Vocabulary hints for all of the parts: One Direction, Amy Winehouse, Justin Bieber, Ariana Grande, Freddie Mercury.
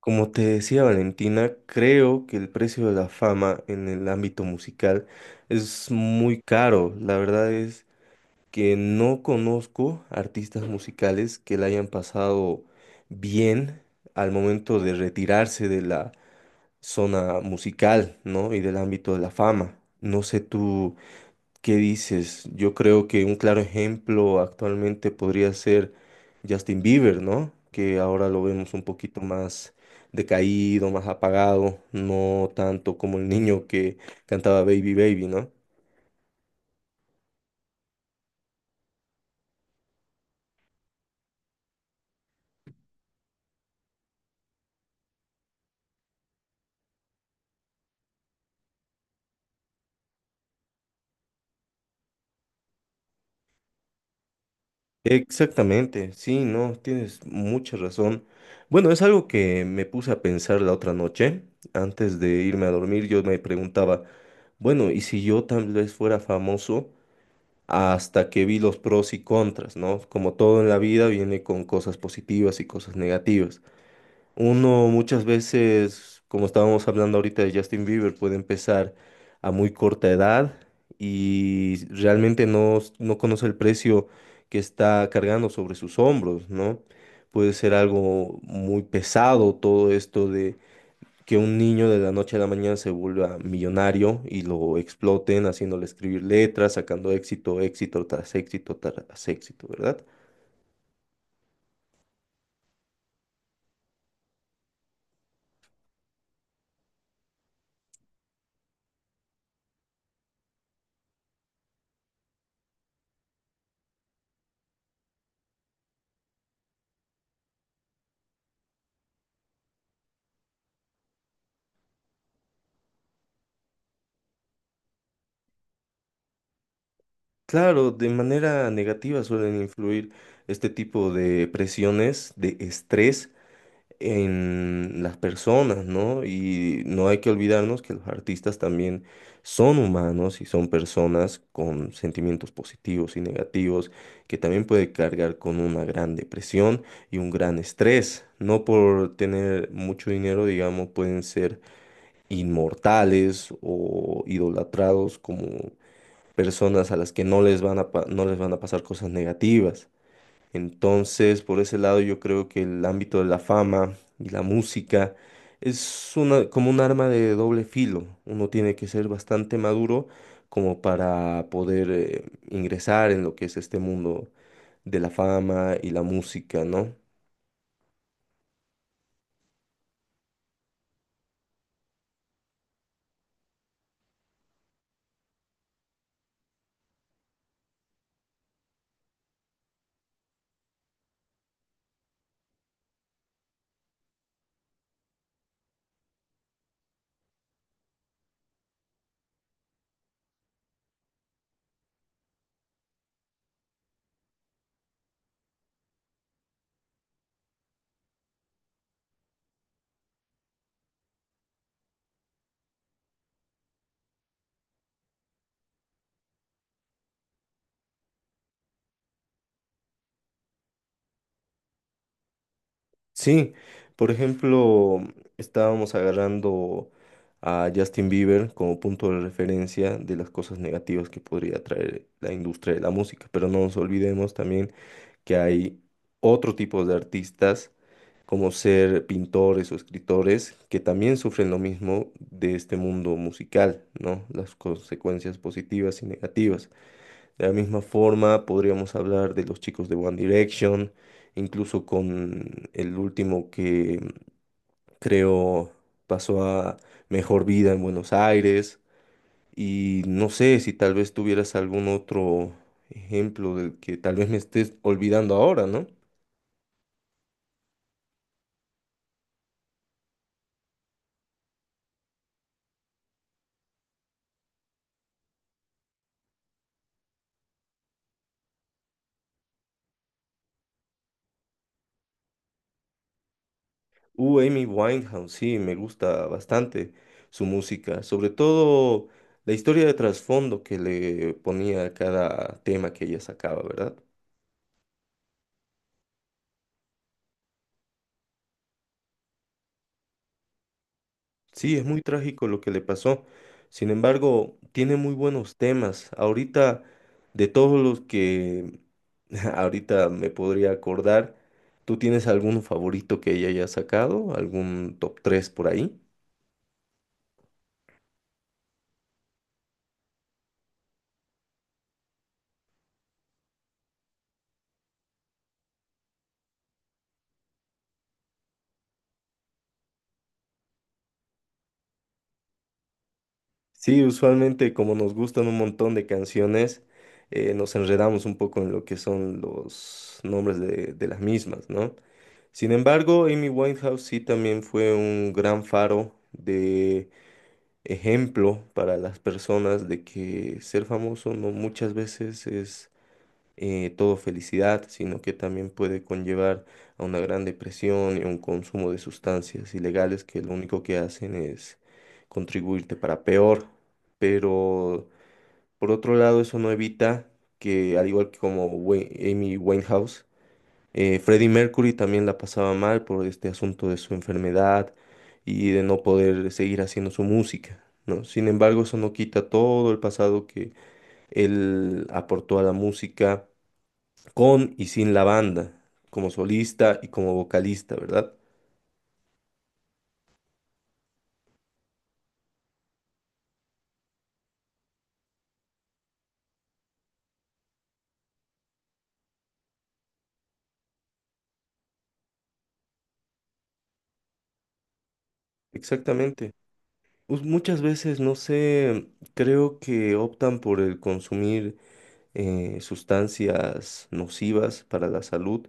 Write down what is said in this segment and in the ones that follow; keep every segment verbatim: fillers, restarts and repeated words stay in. Como te decía Valentina, creo que el precio de la fama en el ámbito musical es muy caro. La verdad es que no conozco artistas musicales que la hayan pasado bien al momento de retirarse de la zona musical, ¿no? Y del ámbito de la fama. No sé tú qué dices. Yo creo que un claro ejemplo actualmente podría ser Justin Bieber, ¿no? Que ahora lo vemos un poquito más decaído, más apagado, no tanto como el niño que cantaba Baby Baby, ¿no? Exactamente, sí, no, tienes mucha razón. Bueno, es algo que me puse a pensar la otra noche. Antes de irme a dormir, yo me preguntaba, bueno, ¿y si yo tal vez fuera famoso? Hasta que vi los pros y contras, ¿no? Como todo en la vida viene con cosas positivas y cosas negativas. Uno muchas veces, como estábamos hablando ahorita de Justin Bieber, puede empezar a muy corta edad y realmente no, s- no conoce el precio que está cargando sobre sus hombros, ¿no? Puede ser algo muy pesado todo esto de que un niño de la noche a la mañana se vuelva millonario y lo exploten haciéndole escribir letras, sacando éxito, éxito tras éxito tras éxito, ¿verdad? Claro, de manera negativa suelen influir este tipo de presiones, de estrés en las personas, ¿no? Y no hay que olvidarnos que los artistas también son humanos y son personas con sentimientos positivos y negativos que también puede cargar con una gran depresión y un gran estrés. No por tener mucho dinero, digamos, pueden ser inmortales o idolatrados como personas a las que no les van a, pa- no les van a pasar cosas negativas. Entonces, por ese lado, yo creo que el ámbito de la fama y la música es una, como un arma de doble filo. Uno tiene que ser bastante maduro como para poder eh, ingresar en lo que es este mundo de la fama y la música, ¿no? Sí, por ejemplo, estábamos agarrando a Justin Bieber como punto de referencia de las cosas negativas que podría traer la industria de la música, pero no nos olvidemos también que hay otro tipo de artistas, como ser pintores o escritores, que también sufren lo mismo de este mundo musical, ¿no? Las consecuencias positivas y negativas. De la misma forma, podríamos hablar de los chicos de One Direction, incluso con el último que mm, creo pasó a Mejor Vida en Buenos Aires. Y no sé si tal vez tuvieras algún otro ejemplo del que tal vez me estés olvidando ahora, ¿no? Uh, Amy Winehouse, sí, me gusta bastante su música, sobre todo la historia de trasfondo que le ponía a cada tema que ella sacaba, ¿verdad? Sí, es muy trágico lo que le pasó. Sin embargo, tiene muy buenos temas. Ahorita, de todos los que ahorita me podría acordar, ¿tú tienes alguno favorito que ella haya sacado? ¿Algún top tres por ahí? Sí, usualmente como nos gustan un montón de canciones, eh, nos enredamos un poco en lo que son los nombres de, de las mismas, ¿no? Sin embargo, Amy Winehouse sí también fue un gran faro ejemplo para las personas de que ser famoso no muchas veces es eh, todo felicidad, sino que también puede conllevar a una gran depresión y a un consumo de sustancias ilegales que lo único que hacen es contribuirte para peor. Pero por otro lado, eso no evita que, al igual que como Wei- Amy Winehouse, eh, Freddie Mercury también la pasaba mal por este asunto de su enfermedad y de no poder seguir haciendo su música, ¿no? Sin embargo, eso no quita todo el pasado que él aportó a la música con y sin la banda, como solista y como vocalista, ¿verdad? Exactamente. Pues muchas veces, no sé, creo que optan por el consumir eh, sustancias nocivas para la salud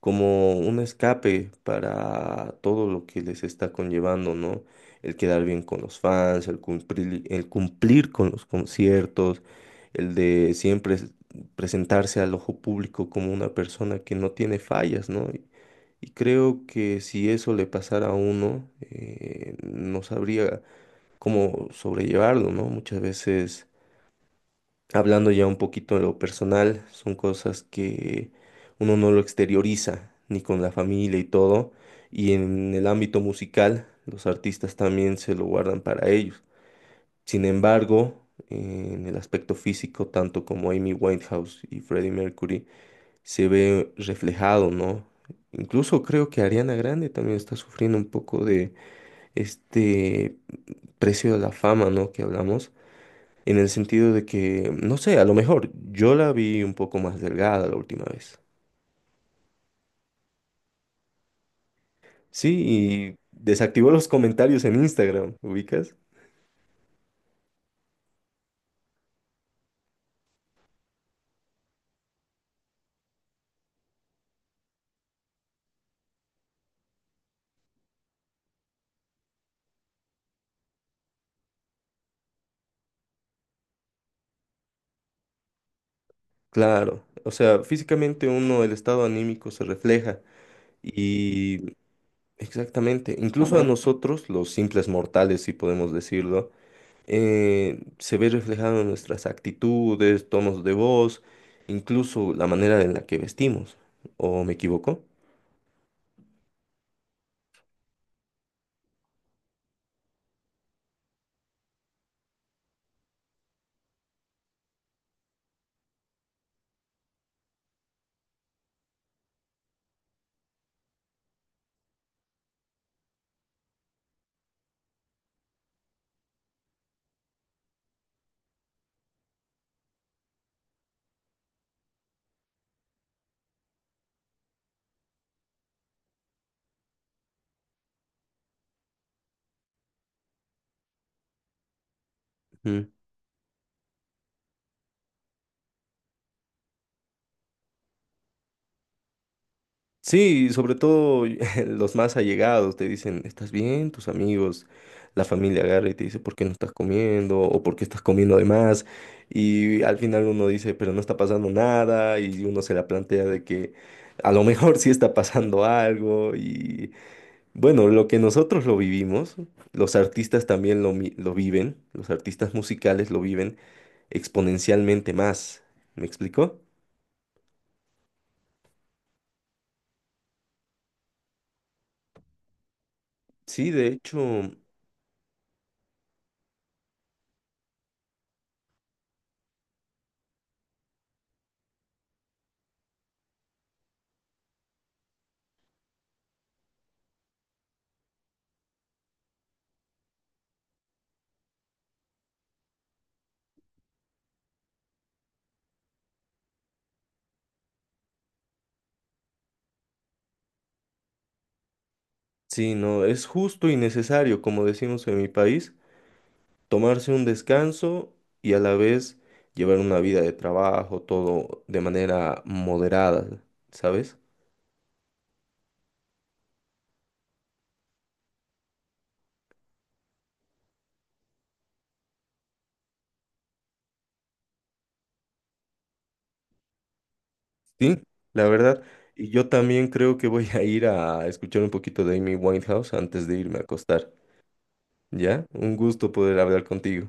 como un escape para todo lo que les está conllevando, ¿no? El quedar bien con los fans, el cumplir, el cumplir con los conciertos, el de siempre es- presentarse al ojo público como una persona que no tiene fallas, ¿no? Y, y creo que si eso le pasara a uno, eh, no sabría cómo sobrellevarlo, ¿no? Muchas veces. Hablando ya un poquito de lo personal, son cosas que uno no lo exterioriza, ni con la familia y todo. Y en el ámbito musical, los artistas también se lo guardan para ellos. Sin embargo, en el aspecto físico, tanto como Amy Winehouse y Freddie Mercury, se ve reflejado, ¿no? Incluso creo que Ariana Grande también está sufriendo un poco de este precio de la fama, ¿no? Que hablamos en el sentido de que, no sé, a lo mejor yo la vi un poco más delgada la última vez. Sí, y desactivó los comentarios en Instagram, ¿ubicas? Claro, o sea, físicamente uno, el estado anímico se refleja y exactamente, incluso a nosotros, los simples mortales, si podemos decirlo, eh, se ve reflejado en nuestras actitudes, tonos de voz, incluso la manera en la que vestimos, ¿o me equivoco? Sí, y sobre todo los más allegados te dicen, ¿estás bien? Tus amigos, la familia agarra y te dice, ¿por qué no estás comiendo? ¿O por qué estás comiendo de más? Y al final uno dice, pero no está pasando nada y uno se la plantea de que a lo mejor sí está pasando algo. Y bueno, lo que nosotros lo vivimos, los artistas también lo, mi- lo viven, los artistas musicales lo viven exponencialmente más. ¿Me explico? Sí, de hecho. Sí, no, es justo y necesario, como decimos en mi país, tomarse un descanso y a la vez llevar una vida de trabajo, todo de manera moderada, ¿sabes? Sí, la verdad. Y yo también creo que voy a ir a escuchar un poquito de Amy Winehouse antes de irme a acostar. ¿Ya? Un gusto poder hablar contigo.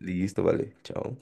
Listo, vale. Chao.